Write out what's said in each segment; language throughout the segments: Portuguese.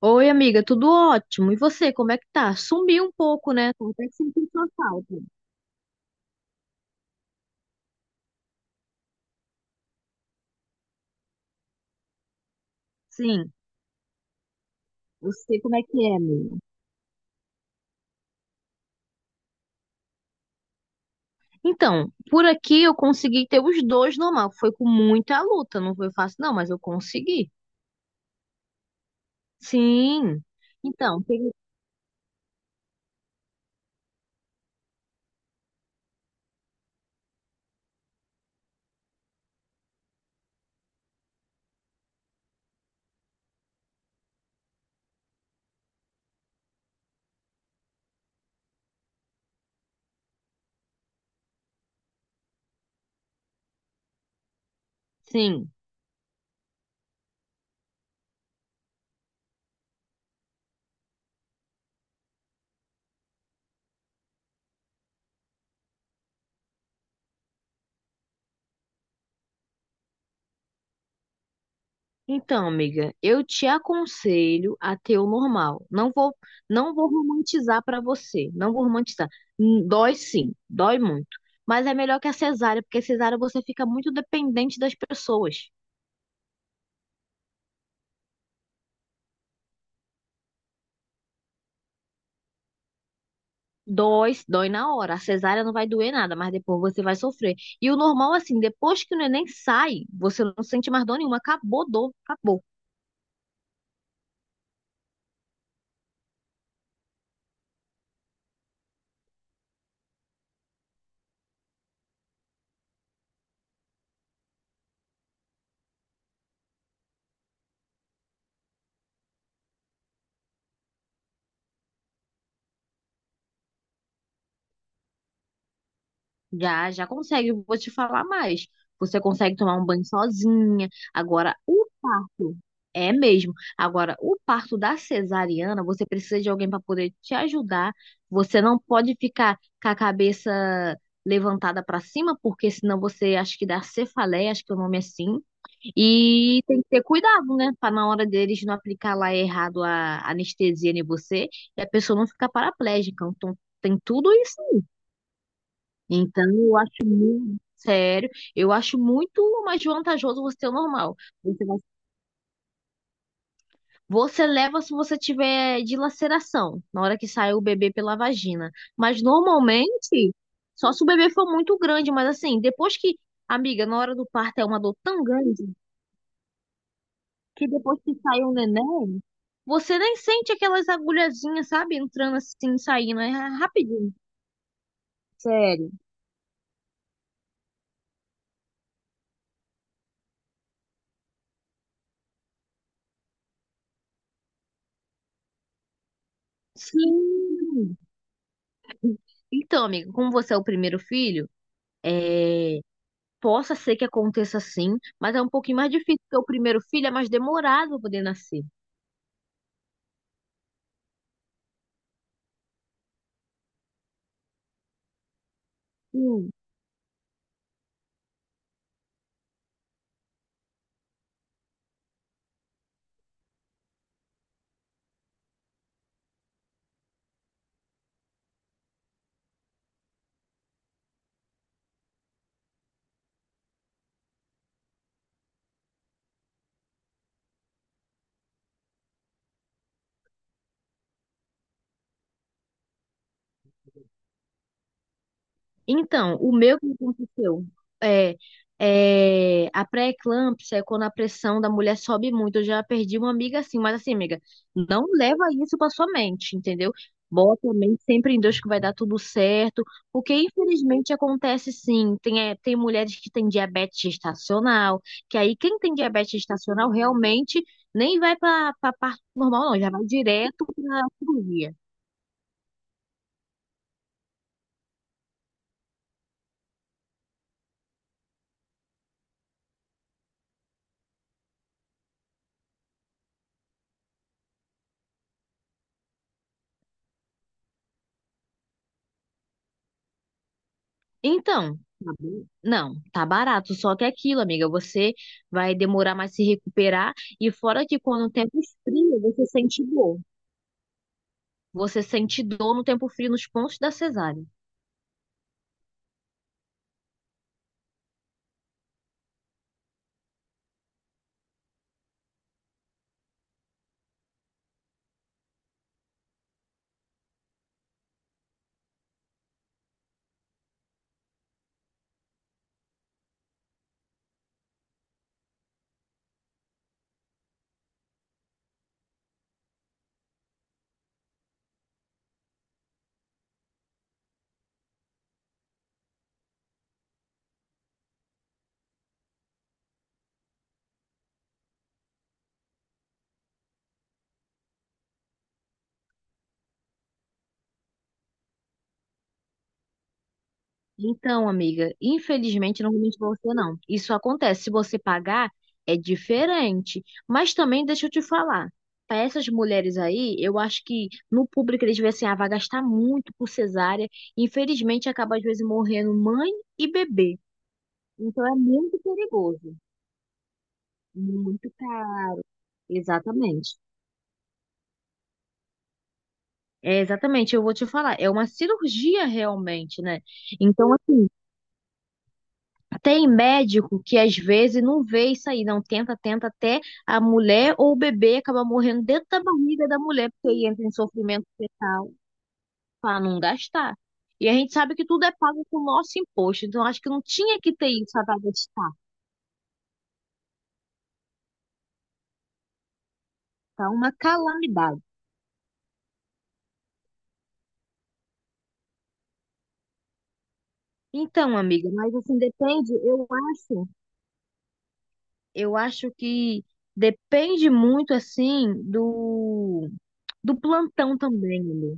Oi, amiga, tudo ótimo. E você, como é que tá? Sumiu um pouco, né? Tô até sentindo sua falta. Sim, eu sei como é que é, amiga. Então, por aqui eu consegui ter os dois normal. Foi com muita luta, não foi fácil, não, mas eu consegui. Sim. Então, sim. Então, amiga, eu te aconselho a ter o normal. Não vou romantizar pra você, não vou romantizar. Dói sim, dói muito, mas é melhor que a cesárea, porque a cesárea você fica muito dependente das pessoas. Dói, dói na hora. A cesárea não vai doer nada, mas depois você vai sofrer. E o normal, assim, depois que o neném sai, você não sente mais dor nenhuma. Acabou dor, acabou. Já, já consegue, eu vou te falar mais. Você consegue tomar um banho sozinha. Agora, o parto, é mesmo. Agora, o parto da cesariana, você precisa de alguém para poder te ajudar. Você não pode ficar com a cabeça levantada para cima, porque senão você acho que dá cefaleia, acho que é o nome é assim. E tem que ter cuidado, né? Para na hora deles não aplicar lá errado a anestesia em você e a pessoa não ficar paraplégica. Então, tem tudo isso. Então, eu sério, eu acho muito mais vantajoso você ter o normal. Você vai- Você leva se você tiver dilaceração, na hora que sai o bebê pela vagina. Mas normalmente, só se o bebê for muito grande. Mas assim, depois que, amiga, na hora do parto é uma dor tão grande que depois que sai o neném, você nem sente aquelas agulhazinhas, sabe? Entrando assim, saindo. É rapidinho. Sério. Sim. Então, amiga, como você é o primeiro filho, é. Possa ser que aconteça sim, mas é um pouquinho mais difícil, porque o primeiro filho é mais demorado para poder nascer. Sim. Então, o meu que aconteceu é, é a pré-eclâmpsia é quando a pressão da mulher sobe muito. Eu já perdi uma amiga assim, mas assim, amiga, não leva isso pra sua mente, entendeu? Bota a mente sempre em Deus que vai dar tudo certo, porque infelizmente acontece sim. Tem mulheres que têm diabetes gestacional, que aí quem tem diabetes gestacional realmente nem vai pra parte normal, não, já vai direto pra cirurgia. Então, tá bom, não, tá barato, só que é aquilo, amiga, você vai demorar mais se recuperar e fora que quando o tempo esfria, você sente dor. Você sente dor no tempo frio nos pontos da cesárea. Então, amiga, infelizmente não vou mentir pra você não. Isso acontece, se você pagar é diferente, mas também deixa eu te falar. Para essas mulheres aí, eu acho que no público eles veem assim, ah, vai gastar muito por cesárea. Infelizmente acaba às vezes morrendo mãe e bebê. Então é muito perigoso, muito caro. Exatamente. É, exatamente, eu vou te falar, é uma cirurgia realmente, né? Então, assim, tem médico que às vezes não vê isso aí, não tenta, tenta até a mulher ou o bebê acaba morrendo dentro da barriga da mulher, porque aí entra em sofrimento fetal para não gastar. E a gente sabe que tudo é pago com o nosso imposto, então acho que não tinha que ter isso para gastar, tá? Uma calamidade. Então, amiga, mas assim, depende, eu acho. Eu acho que depende muito, assim, do plantão também, Lu.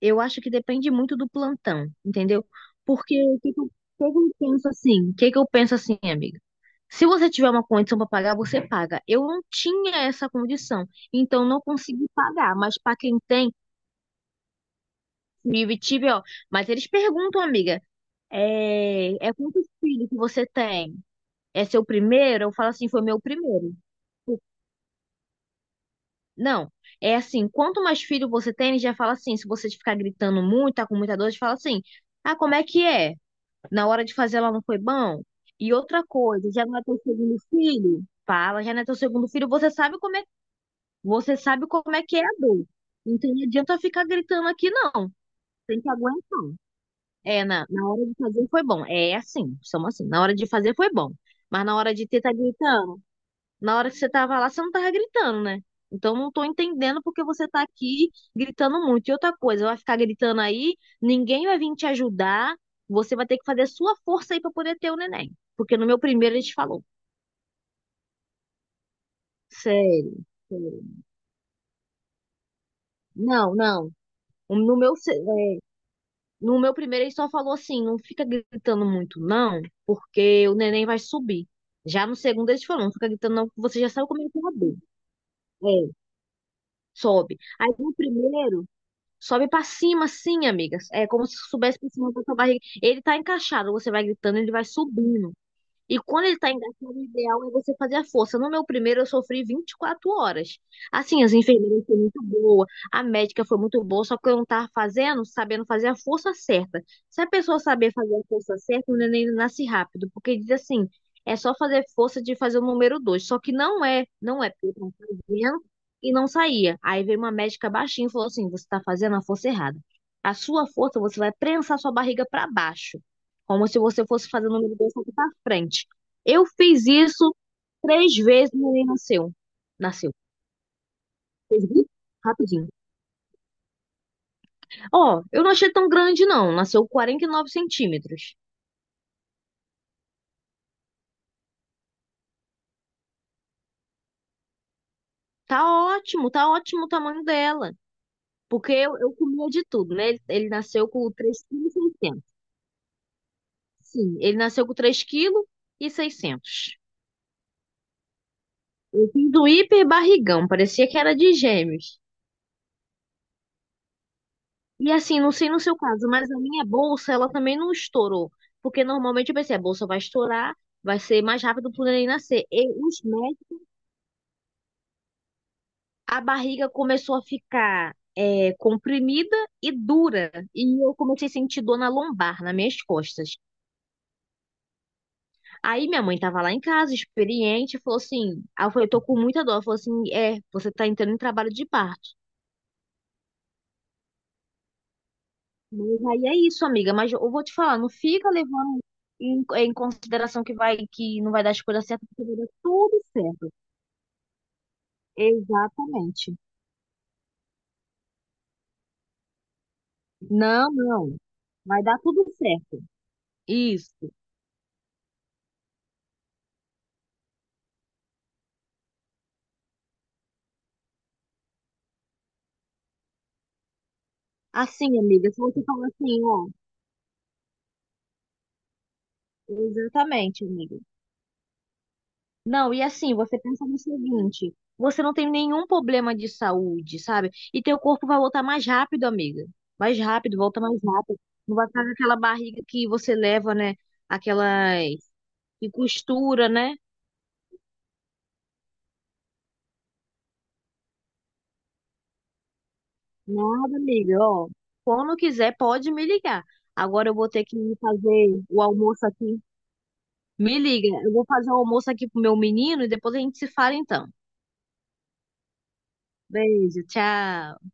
Eu acho que depende muito do plantão, entendeu? Porque o que que eu penso assim? O que que eu penso assim, amiga? Se você tiver uma condição para pagar, você paga. Eu não tinha essa condição, então não consegui pagar. Mas para quem tem, vive, tive, ó. Mas eles perguntam, amiga, quantos filhos que você tem? É seu primeiro? Eu falo assim, foi meu primeiro. Não, é assim, quanto mais filho você tem, ele já fala assim, se você ficar gritando muito, tá com muita dor, ele fala assim, ah, como é que é? Na hora de fazer ela não foi bom? E outra coisa, já não é teu segundo filho? Fala, já não é teu segundo filho, você sabe como é, você sabe como é que é a dor. Então não adianta ficar gritando aqui, não. Tem que aguentar. É, na hora de fazer foi bom. É assim, somos assim. Na hora de fazer foi bom. Mas na hora de ter, tá gritando. Na hora que você tava lá, você não tava gritando, né? Então não tô entendendo porque você tá aqui gritando muito. E outra coisa, vai ficar gritando aí, ninguém vai vir te ajudar, você vai ter que fazer a sua força aí pra poder ter o neném. Porque no meu primeiro ele te falou. Sério, sério. Não, não. No meu, se- é, no meu primeiro ele só falou assim, não fica gritando muito não, porque o neném vai subir. Já no segundo ele te falou, não fica gritando não, porque você já sabe como é que é o bebê. É, sobe. Aí no primeiro Sobe pra cima, assim, amigas. É como se soubesse pra cima da sua barriga. Ele tá encaixado, você vai gritando, ele vai subindo. E quando ele tá encaixado, o ideal é você fazer a força. No meu primeiro, eu sofri 24 horas. Assim, as enfermeiras foram muito boas, a médica foi muito boa, só que eu não tava sabendo fazer a força certa. Se a pessoa saber fazer a força certa, o neném nasce rápido, porque diz assim, é só fazer força de fazer o número 2. Só que não é dentro e não saía. Aí veio uma médica baixinha e falou assim: você está fazendo a força errada. A sua força, você vai prensar sua barriga para baixo, como se você fosse fazer o número dois aqui para frente. Eu fiz isso três vezes e o neném nasceu. Nasceu. Fez bip. Rapidinho. Ó, eu não achei tão grande, não. Nasceu 49 cm. Tá tá ótimo o tamanho dela. Porque eu comia de tudo, né? Ele nasceu com 3,6 kg. Sim, ele nasceu com 3,6 kg. Eu fiz do hiper barrigão, parecia que era de gêmeos. E assim, não sei no seu caso, mas a minha bolsa, ela também não estourou. Porque normalmente eu pensei, a bolsa vai estourar, vai ser mais rápido pro neném nascer. E os médicos, a barriga começou a ficar comprimida e dura. E eu comecei a sentir dor na lombar, nas minhas costas. Aí minha mãe tava lá em casa, experiente, falou assim, aí eu falei, tô com muita dor. Ela falou assim, você tá entrando em trabalho de parto. Mas aí é isso, amiga. Mas eu vou te falar, não fica levando em consideração que vai que não vai dar as coisas certas, porque vai dar tudo certo. Exatamente. Não, não. Vai dar tudo certo. Isso. Assim, amiga, se você falar assim, ó. Exatamente, amiga. Não, e assim, você pensa no seguinte: você não tem nenhum problema de saúde, sabe? E teu corpo vai voltar mais rápido, amiga. Mais rápido, volta mais rápido. Não vai ficar com aquela barriga que você leva, né? Aquelas e costura, né? Nada, amiga, ó. Quando quiser, pode me ligar. Agora eu vou ter que ir fazer o almoço aqui. Me liga, eu vou fazer o almoço aqui pro meu menino e depois a gente se fala então. Beijo, tchau.